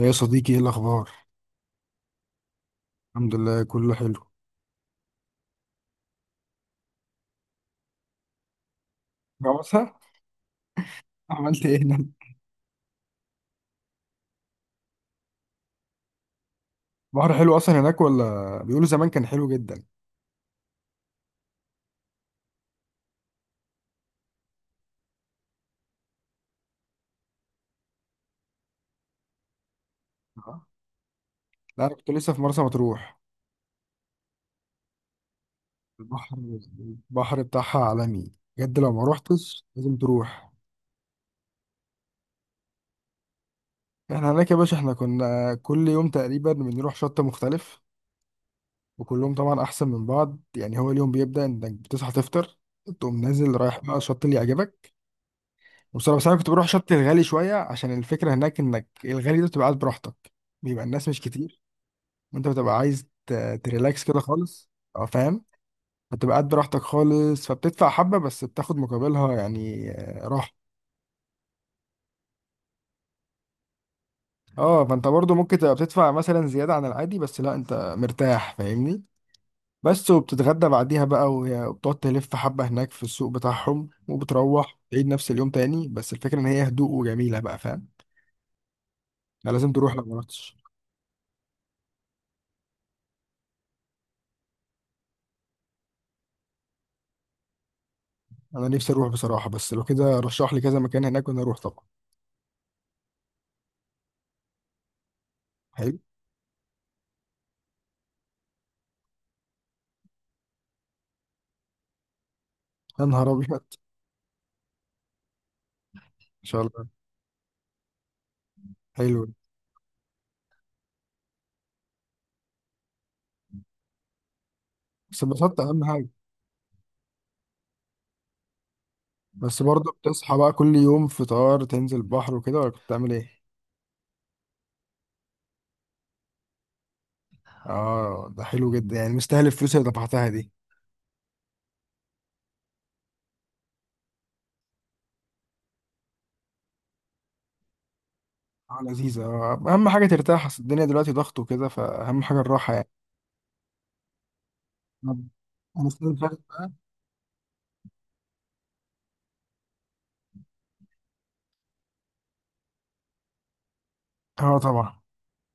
يا صديقي، ايه الاخبار؟ الحمد لله، كله حلو. جوازها. عملت ايه هناك؟ بحر حلو اصلا هناك ولا؟ بيقولوا زمان كان حلو جدا. آه. لا، انا كنت لسه في مرسى مطروح. البحر البحر بتاعها عالمي. بجد لو ما روحتش لازم تروح. احنا هناك يا باشا، احنا كنا كل يوم تقريبا بنروح شط مختلف، وكلهم طبعا احسن من بعض. يعني هو اليوم بيبدأ انك بتصحى تفطر، تقوم نازل رايح بقى الشط اللي يعجبك. بصراحة بس انا كنت بروح شط الغالي شوية، عشان الفكرة هناك انك الغالي ده بتبقى قاعد براحتك، بيبقى الناس مش كتير. انت بتبقى عايز تريلاكس كده خالص. اه فاهم. بتبقى قاعد براحتك خالص، فبتدفع حبة بس بتاخد مقابلها يعني راحة. اه فانت برضو ممكن تبقى بتدفع مثلا زيادة عن العادي، بس لا انت مرتاح فاهمني. بس وبتتغدى بعديها بقى، وبتقعد تلف حبة هناك في السوق بتاعهم، وبتروح تعيد نفس اليوم تاني، بس الفكرة ان هي هدوء وجميلة بقى فاهم. انا لازم تروح لو ما رحتش. انا نفسي اروح بصراحة، بس لو كده رشح لي كذا مكان هناك وانا اروح طبعا. حلو. يا نهار ابيض، ان شاء الله. حلو. بس انبسطت اهم حاجة. بس برضه بتصحى بقى كل يوم فطار تنزل البحر وكده، ولا كنت بتعمل ايه؟ اه ده حلو جدا، يعني مستاهل الفلوس اللي دفعتها دي. اه لذيذة. اهم حاجة ترتاح، اصل الدنيا دلوقتي ضغط وكده فاهم، حاجة الراحة يعني. طب انا السنة اللي فاتت بقى. اه طبعا.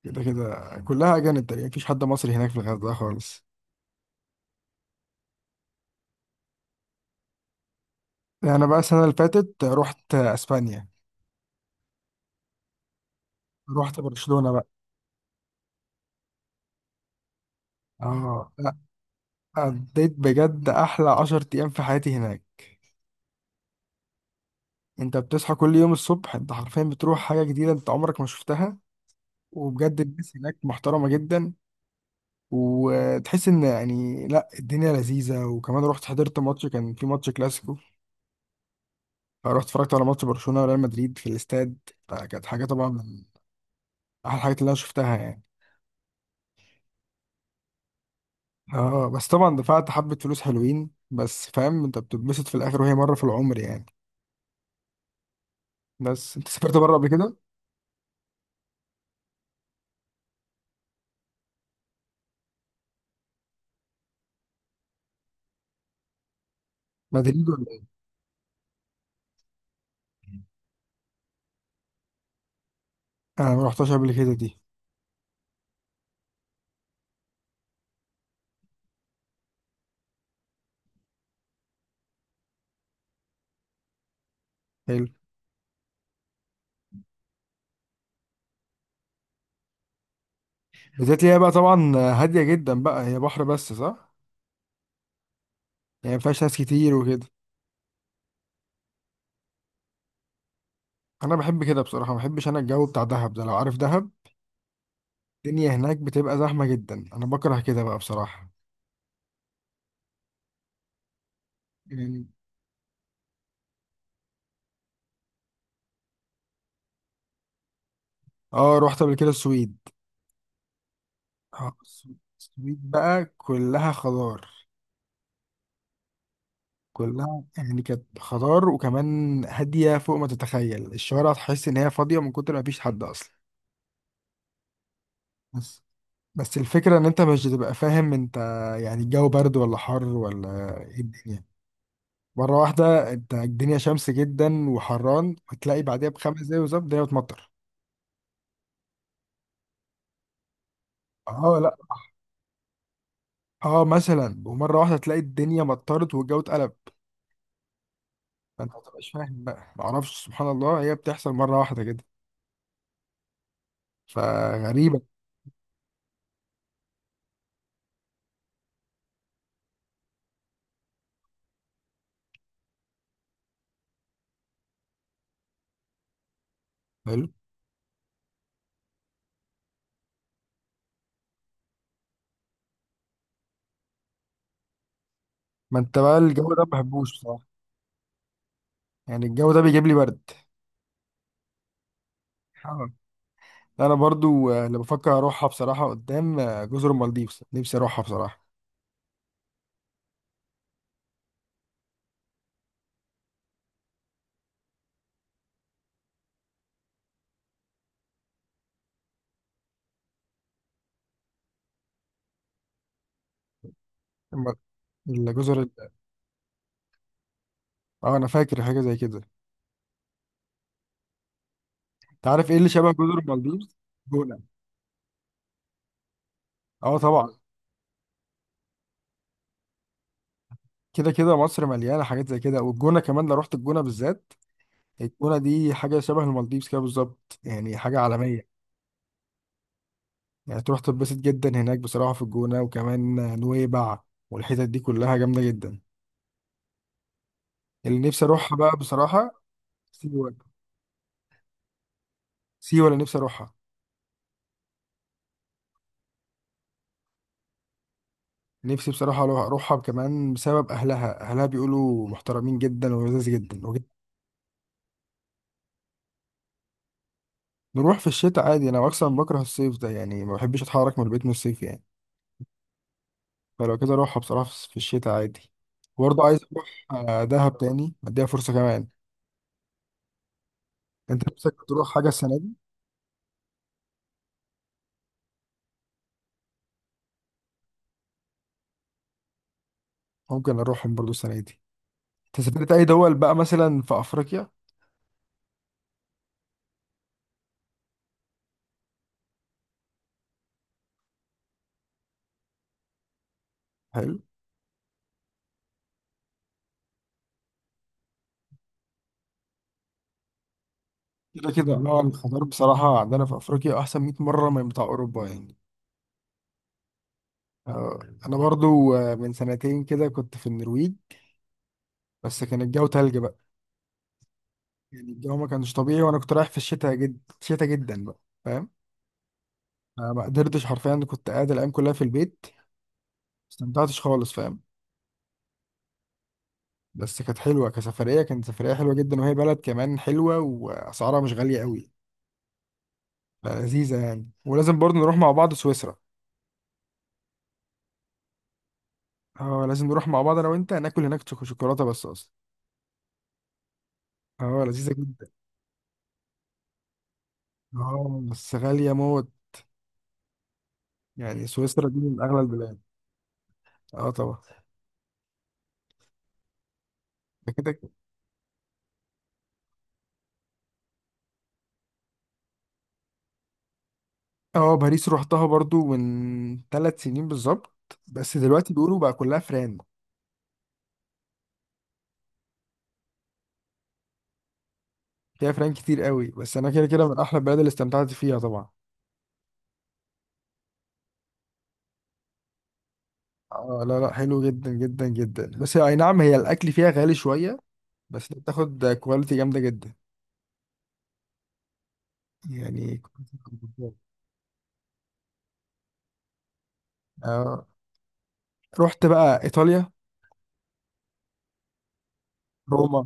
كده كده كلها اجانب تقريبا، مفيش حد مصري هناك في الغردقة خالص. انا بقى السنة اللي فاتت رحت اسبانيا. رحت برشلونة بقى. اه لا، قضيت بجد احلى 10 ايام في حياتي هناك. انت بتصحى كل يوم الصبح، انت حرفيا بتروح حاجة جديدة انت عمرك ما شفتها. وبجد الناس هناك محترمة جدا، وتحس ان يعني لا الدنيا لذيذة. وكمان رحت حضرت ماتش، كان في ماتش كلاسيكو. رحت اتفرجت على ماتش برشلونة وريال مدريد في الاستاد، فكانت حاجة طبعا من احلى الحاجات اللي انا شفتها يعني. اه بس طبعا دفعت حبة فلوس حلوين، بس فاهم انت بتتبسط في الاخر، وهي مرة في العمر يعني. بس انت سافرت بره قبل كده؟ مدريد ولا ايه؟ انا ما رحتش قبل كده دي. حلو. بالذات هي بقى طبعا هادية جدا بقى، هي بحر بس صح؟ يعني ما فيهاش ناس كتير وكده. أنا بحب كده بصراحة، ما بحبش أنا الجو بتاع دهب ده، لو عارف دهب. الدنيا هناك بتبقى زحمة جدا، أنا بكره كده بقى بصراحة يعني. اه رحت قبل كده السويد. آه، الس- السويد بقى كلها خضار. كلها يعني كانت خضار، وكمان هادية فوق ما تتخيل. الشوارع تحس إن هي فاضية من كتر ما فيش حد أصلا. بس بس الفكرة إن أنت مش بتبقى فاهم أنت يعني الجو برد ولا حر ولا إيه الدنيا. مرة واحدة انت الدنيا شمس جدا وحران، وتلاقي بعدها بـ5 دقايق بالظبط الدنيا بتمطر. اه لا. اه مثلا، ومرة واحدة تلاقي الدنيا مطرت والجو اتقلب. فانت ما تبقاش فاهم بقى، معرفش سبحان الله هي بتحصل مرة واحدة كده، فغريبة. حلو. ما انت بقى الجو ده ما بحبوش بصراحة، يعني الجو ده بيجيب لي برد. آه. انا برضو اللي بفكر اروحها بصراحة قدام جزر المالديفز، نفسي اروحها بصراحة. الم- الجزر ال- اه انا فاكر حاجة زي كده. انت عارف ايه اللي شبه جزر المالديفز؟ جونة. اه طبعا. كده كده مصر مليانه حاجات زي كده، والجونه كمان لو رحت الجونه بالذات، الجونه دي حاجه شبه المالديفز كده بالظبط، يعني حاجه عالميه. يعني تروح تتبسط جدا هناك بصراحه في الجونه. وكمان نويبع والحتت دي كلها جامده جدا، اللي نفسي اروحها بقى بصراحه. سيوه. سيوه اللي نفسي اروحها. نفسي بصراحه اروحها كمان بسبب اهلها، اهلها بيقولوا محترمين جدا ولذيذ جدا نروح في الشتاء عادي، انا اصلا بكره الصيف ده، يعني ما بحبش اتحرك من البيت من الصيف يعني. فلو كده اروحها بصراحة في الشتاء عادي. برضه عايز اروح دهب تاني اديها فرصة كمان. انت نفسك تروح حاجة السنة دي؟ ممكن اروحهم برضه السنة دي. انت سافرت اي دول بقى مثلا في افريقيا؟ حلو. كده كده لا، الخضار بصراحة عندنا في افريقيا احسن 100 مرة من بتاع اوروبا يعني. آه، انا برضه من سنتين كده كنت في النرويج. بس كان الجو تلج بقى. يعني الجو ما كانش طبيعي، وانا كنت رايح في الشتاء، جد شتاء جدا بقى فاهم. ما قدرتش حرفيا، كنت قاعد الايام كلها في البيت، ما استمتعتش خالص فاهم. بس كانت حلوه كسفريه، كانت سفريه حلوه جدا، وهي بلد كمان حلوه واسعارها مش غاليه قوي، لذيذه يعني. ولازم برضه نروح مع بعض سويسرا. اه لازم نروح مع بعض انا وانت، ناكل هناك شوكولاته بس اصلا. اه لذيذه جدا. اه بس غاليه موت، يعني سويسرا دي من اغلى البلاد. اه طبعا. ده كده كده. اه باريس روحتها برضو من 3 سنين بالظبط، بس دلوقتي بيقولوا بقى كلها فران. فيها فران كتير قوي، بس انا كده كده من احلى البلاد اللي استمتعت فيها طبعا. اه لا لا، حلو جدا جدا جدا. بس اي نعم هي الاكل فيها غالي شويه، بس انت بتاخد كواليتي جامده جدا يعني. آه. رحت بقى ايطاليا. روما.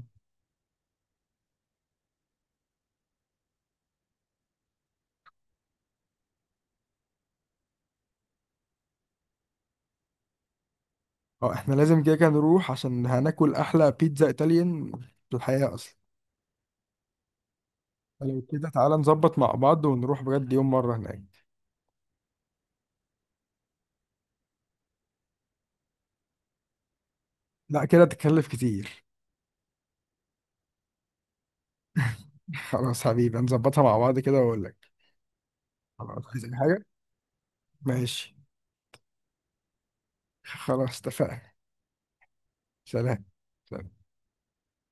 اه احنا لازم كده كده نروح، عشان هناكل احلى بيتزا ايطاليان في الحياه اصلا. لو كده تعالى نظبط مع بعض ونروح بجد يوم مره هناك. لا كده تكلف كتير. خلاص حبيبي، نظبطها مع بعض كده واقول لك. خلاص، عايز أي حاجه. ماشي. خلاص اتفقنا. سلام. سلام.